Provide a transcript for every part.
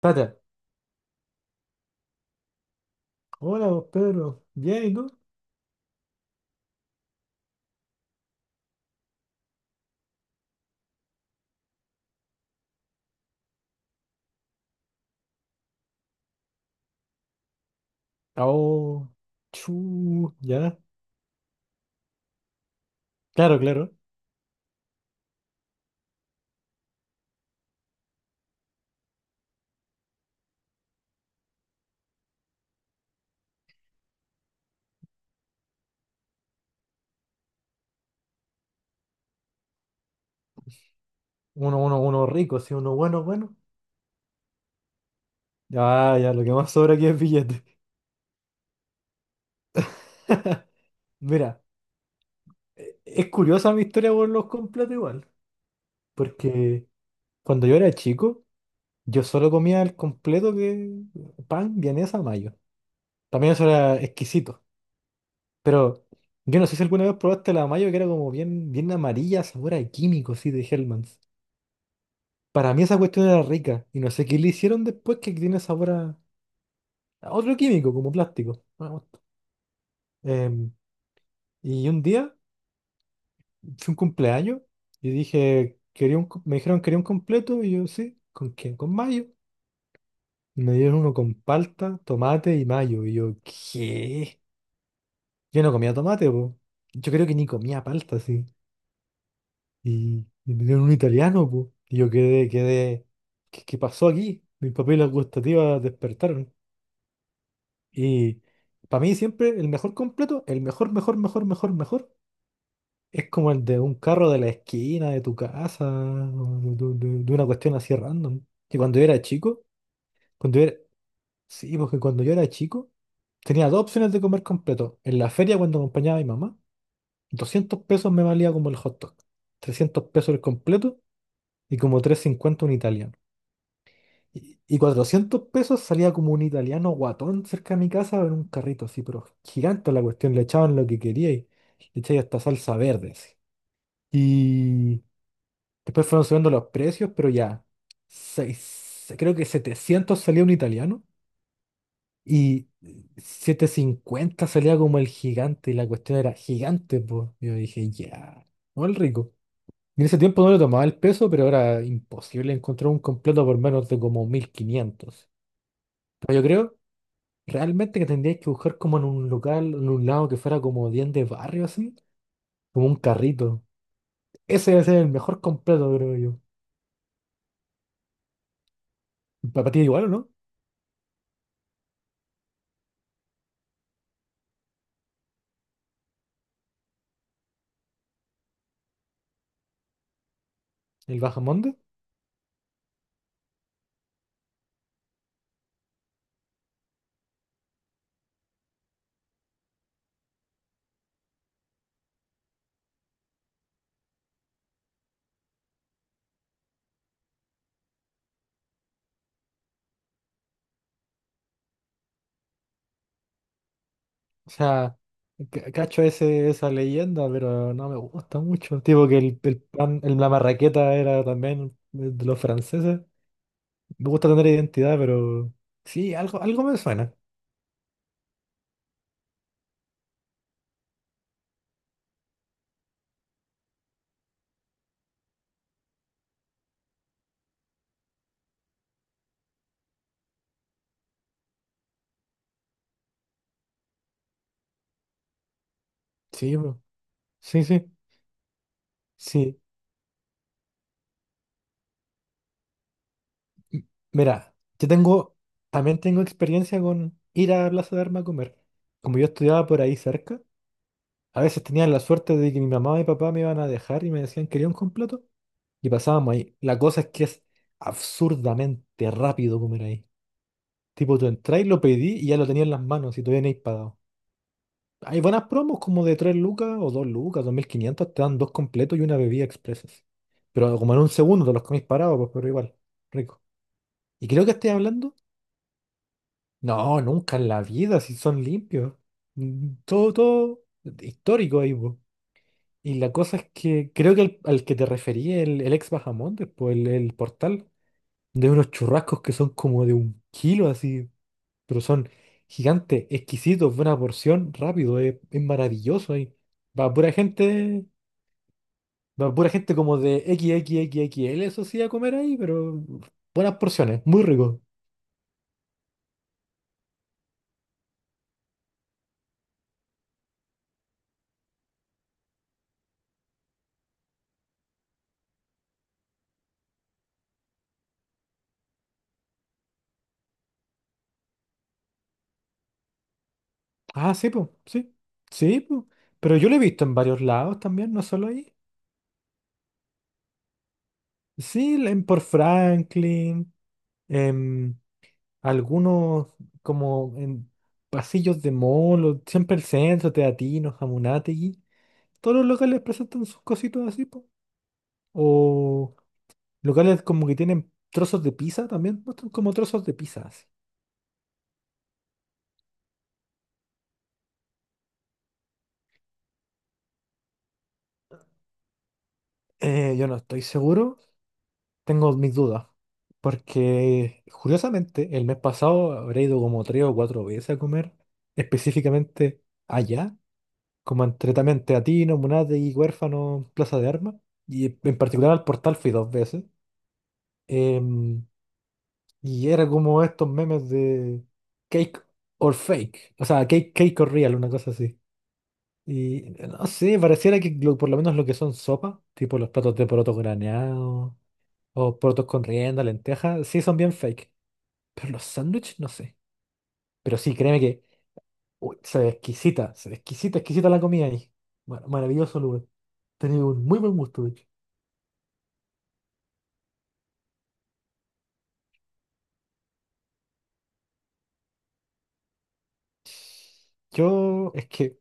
Tata, hola vos, Pedro, bien, ¿y tú? Oh, chu, ya, claro, claro, uno rico, sí, uno bueno, bueno, ya, ya, lo que más sobra aquí es billete. Mira, es curiosa mi historia por los completos igual, porque cuando yo era chico, yo solo comía el completo que pan, vienesa, mayo, también eso era exquisito. Pero yo no sé si alguna vez probaste la mayo que era como bien, bien amarilla, sabor a químico, sí, de Hellman. Para mí esa cuestión era rica y no sé qué le hicieron después, que tiene sabor a otro químico, como plástico. Una bosta. Em, y un día fue un cumpleaños y dije, quería un, me dijeron, quería un completo, y yo sí, ¿con quién? Con mayo. Y me dieron uno con palta, tomate y mayo. Y yo, ¿qué? Yo no comía tomate, po. Yo creo que ni comía palta, sí. Y me dieron un italiano, po. Y yo quedé. ¿Qué pasó aquí? Mis papilas gustativas despertaron. Y para mí siempre el mejor completo, el mejor, mejor, mejor, mejor, mejor, es como el de un carro de la esquina de tu casa, o de una cuestión así random. Que cuando yo era chico, cuando yo era- sí, porque cuando yo era chico, tenía dos opciones de comer completo. En la feria, cuando acompañaba a mi mamá, 200 pesos me valía como el hot dog, 300 pesos el completo y como 350 un italiano. Y 400 pesos salía como un italiano guatón cerca de mi casa en un carrito así, pero gigante la cuestión, le echaban lo que quería y le echaban hasta salsa verde. Así. Y después fueron subiendo los precios, pero ya, creo que 700 salía un italiano y 750 salía como el gigante, y la cuestión era gigante, pues. Yo dije, ya, no el rico. Y en ese tiempo no le tomaba el peso, pero era imposible encontrar un completo por menos de como 1500. Pero yo creo realmente que tendríais que buscar como en un local, en un lado que fuera como bien de barrio, así, como un carrito. Ese debe ser el mejor completo, creo yo. Para ti igual, ¿o no? El Bajamonde. O sea, cacho ese, esa leyenda, pero no me gusta mucho. Tipo que el pan, la marraqueta era también de los franceses. Me gusta tener identidad, pero sí, algo, algo me suena. Sí, bro. Sí, sí. Sí. Mira, también tengo experiencia con ir a Plaza de Armas a comer. Como yo estudiaba por ahí cerca, a veces tenía la suerte de que mi mamá y mi papá me iban a dejar y me decían, ¿quería un completo? Y pasábamos ahí. La cosa es que es absurdamente rápido comer ahí. Tipo, tú entrás y lo pedí y ya lo tenía en las manos y todavía no hay pagado. Hay buenas promos como de 3 lucas o 2 lucas, 2500 te dan dos completos y una bebida, expresas. Pero como en un segundo te los comís parados, pues, pero igual, rico. Y creo que estoy hablando. No, nunca en la vida, si son limpios. Todo histórico ahí, po. Y la cosa es que creo que al que te referí, el ex Bajamontes, pues el portal, de unos churrascos que son como de un kilo así, pero son gigantes, exquisitos, buena porción, rápido, es maravilloso ahí. Va pura gente, va pura gente como de XXXXL, eso sí, a comer ahí, pero buenas porciones, muy rico. Ah, sí, pues, sí. Sí, pues. Pero yo lo he visto en varios lados también, no solo ahí. Sí, en por Franklin, en algunos, como en pasillos de mall, siempre el centro, Teatinos, Jamunategui. Todos los locales presentan sus cositas así, pues. O locales como que tienen trozos de pizza también, muestran como trozos de pizza así. Yo no estoy seguro. Tengo mis dudas, porque curiosamente el mes pasado habré ido como 3 o 4 veces a comer, específicamente allá, como entre también Teatino, Munate y Huérfano, Plaza de Armas, y en particular al Portal fui 2 veces. em, y era como estos memes de cake or fake, o sea, cake, cake or real, una cosa así. Y no sé, pareciera que por lo menos lo que son sopas, tipo los platos de porotos graneados o porotos con rienda, lentejas, sí son bien fake. Pero los sándwiches, no sé. Pero sí, créeme que uy, se ve exquisita, exquisita la comida ahí. Maravilloso lugar. Tenía un muy buen gusto, de hecho. Yo, es que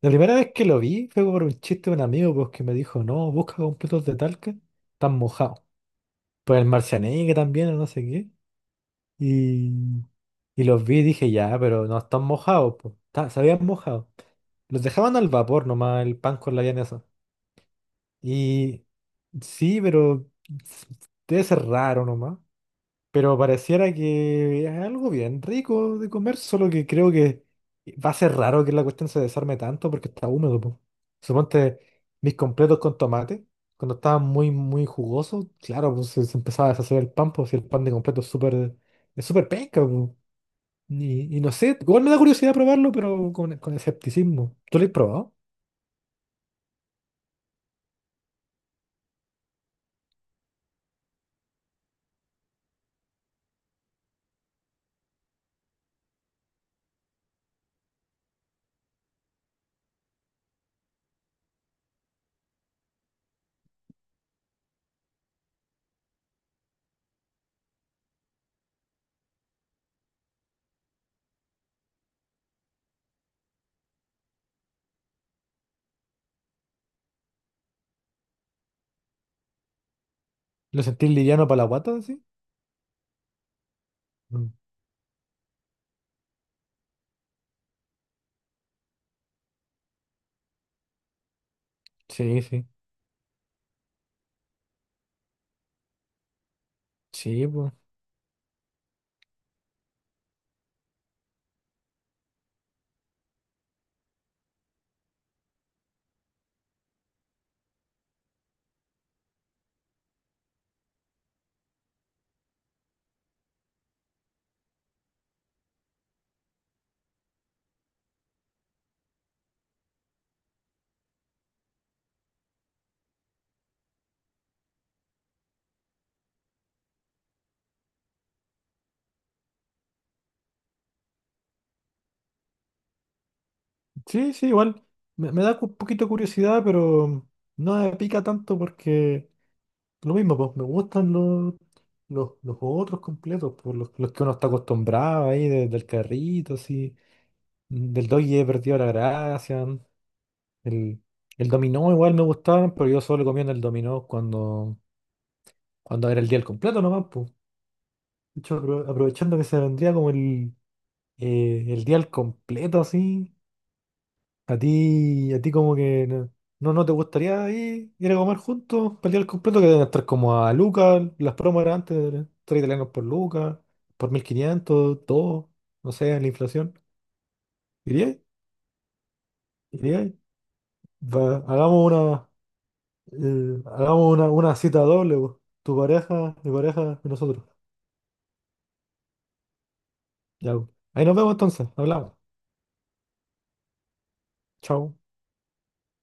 la primera vez que lo vi fue por un chiste de un amigo, pues, que me dijo, no, busca completos de Talca, están mojados. Pues el Marcianeque también, o no sé qué. Y, y los vi y dije, ya, pero no están mojados, pues. Se habían mojado. Los dejaban al vapor nomás el pan con la eso. Y sí, pero s- debe ser raro nomás. Pero pareciera que es algo bien rico de comer, solo que creo que va a ser raro que la cuestión se desarme tanto porque está húmedo, po. Suponte mis completos con tomate, cuando estaban muy, muy jugosos, claro, pues se empezaba a deshacer el pan, pues si el pan de completo es súper, penca, po. Y no sé, igual me da curiosidad probarlo, pero con escepticismo. ¿Tú lo has probado? ¿Lo sentís liviano para la guata, así? Mm, sí, sí, sí, pues. Sí, sí, igual. Me da un poquito de curiosidad, pero no me pica tanto porque lo mismo, pues me gustan los otros completos, por los que uno está acostumbrado ahí, del carrito, así. Del doggy he perdido la gracia. El, el dominó igual me gustaban, pero yo solo comía en el dominó cuando era el día al completo nomás, pues. De hecho, aprovechando que se vendría como el día al completo, así. A ti como que no te gustaría ir a comer juntos, para el día del completo, que deben estar como a Lucas, las promos eran antes, tres italianos por Lucas, por 1500 todo, no sé, la inflación. ¿Iríais? ¿Iríais? Va, hagamos una cita doble, po. Tu pareja, mi pareja y nosotros. Ya, po. Ahí nos vemos entonces, hablamos. Chao.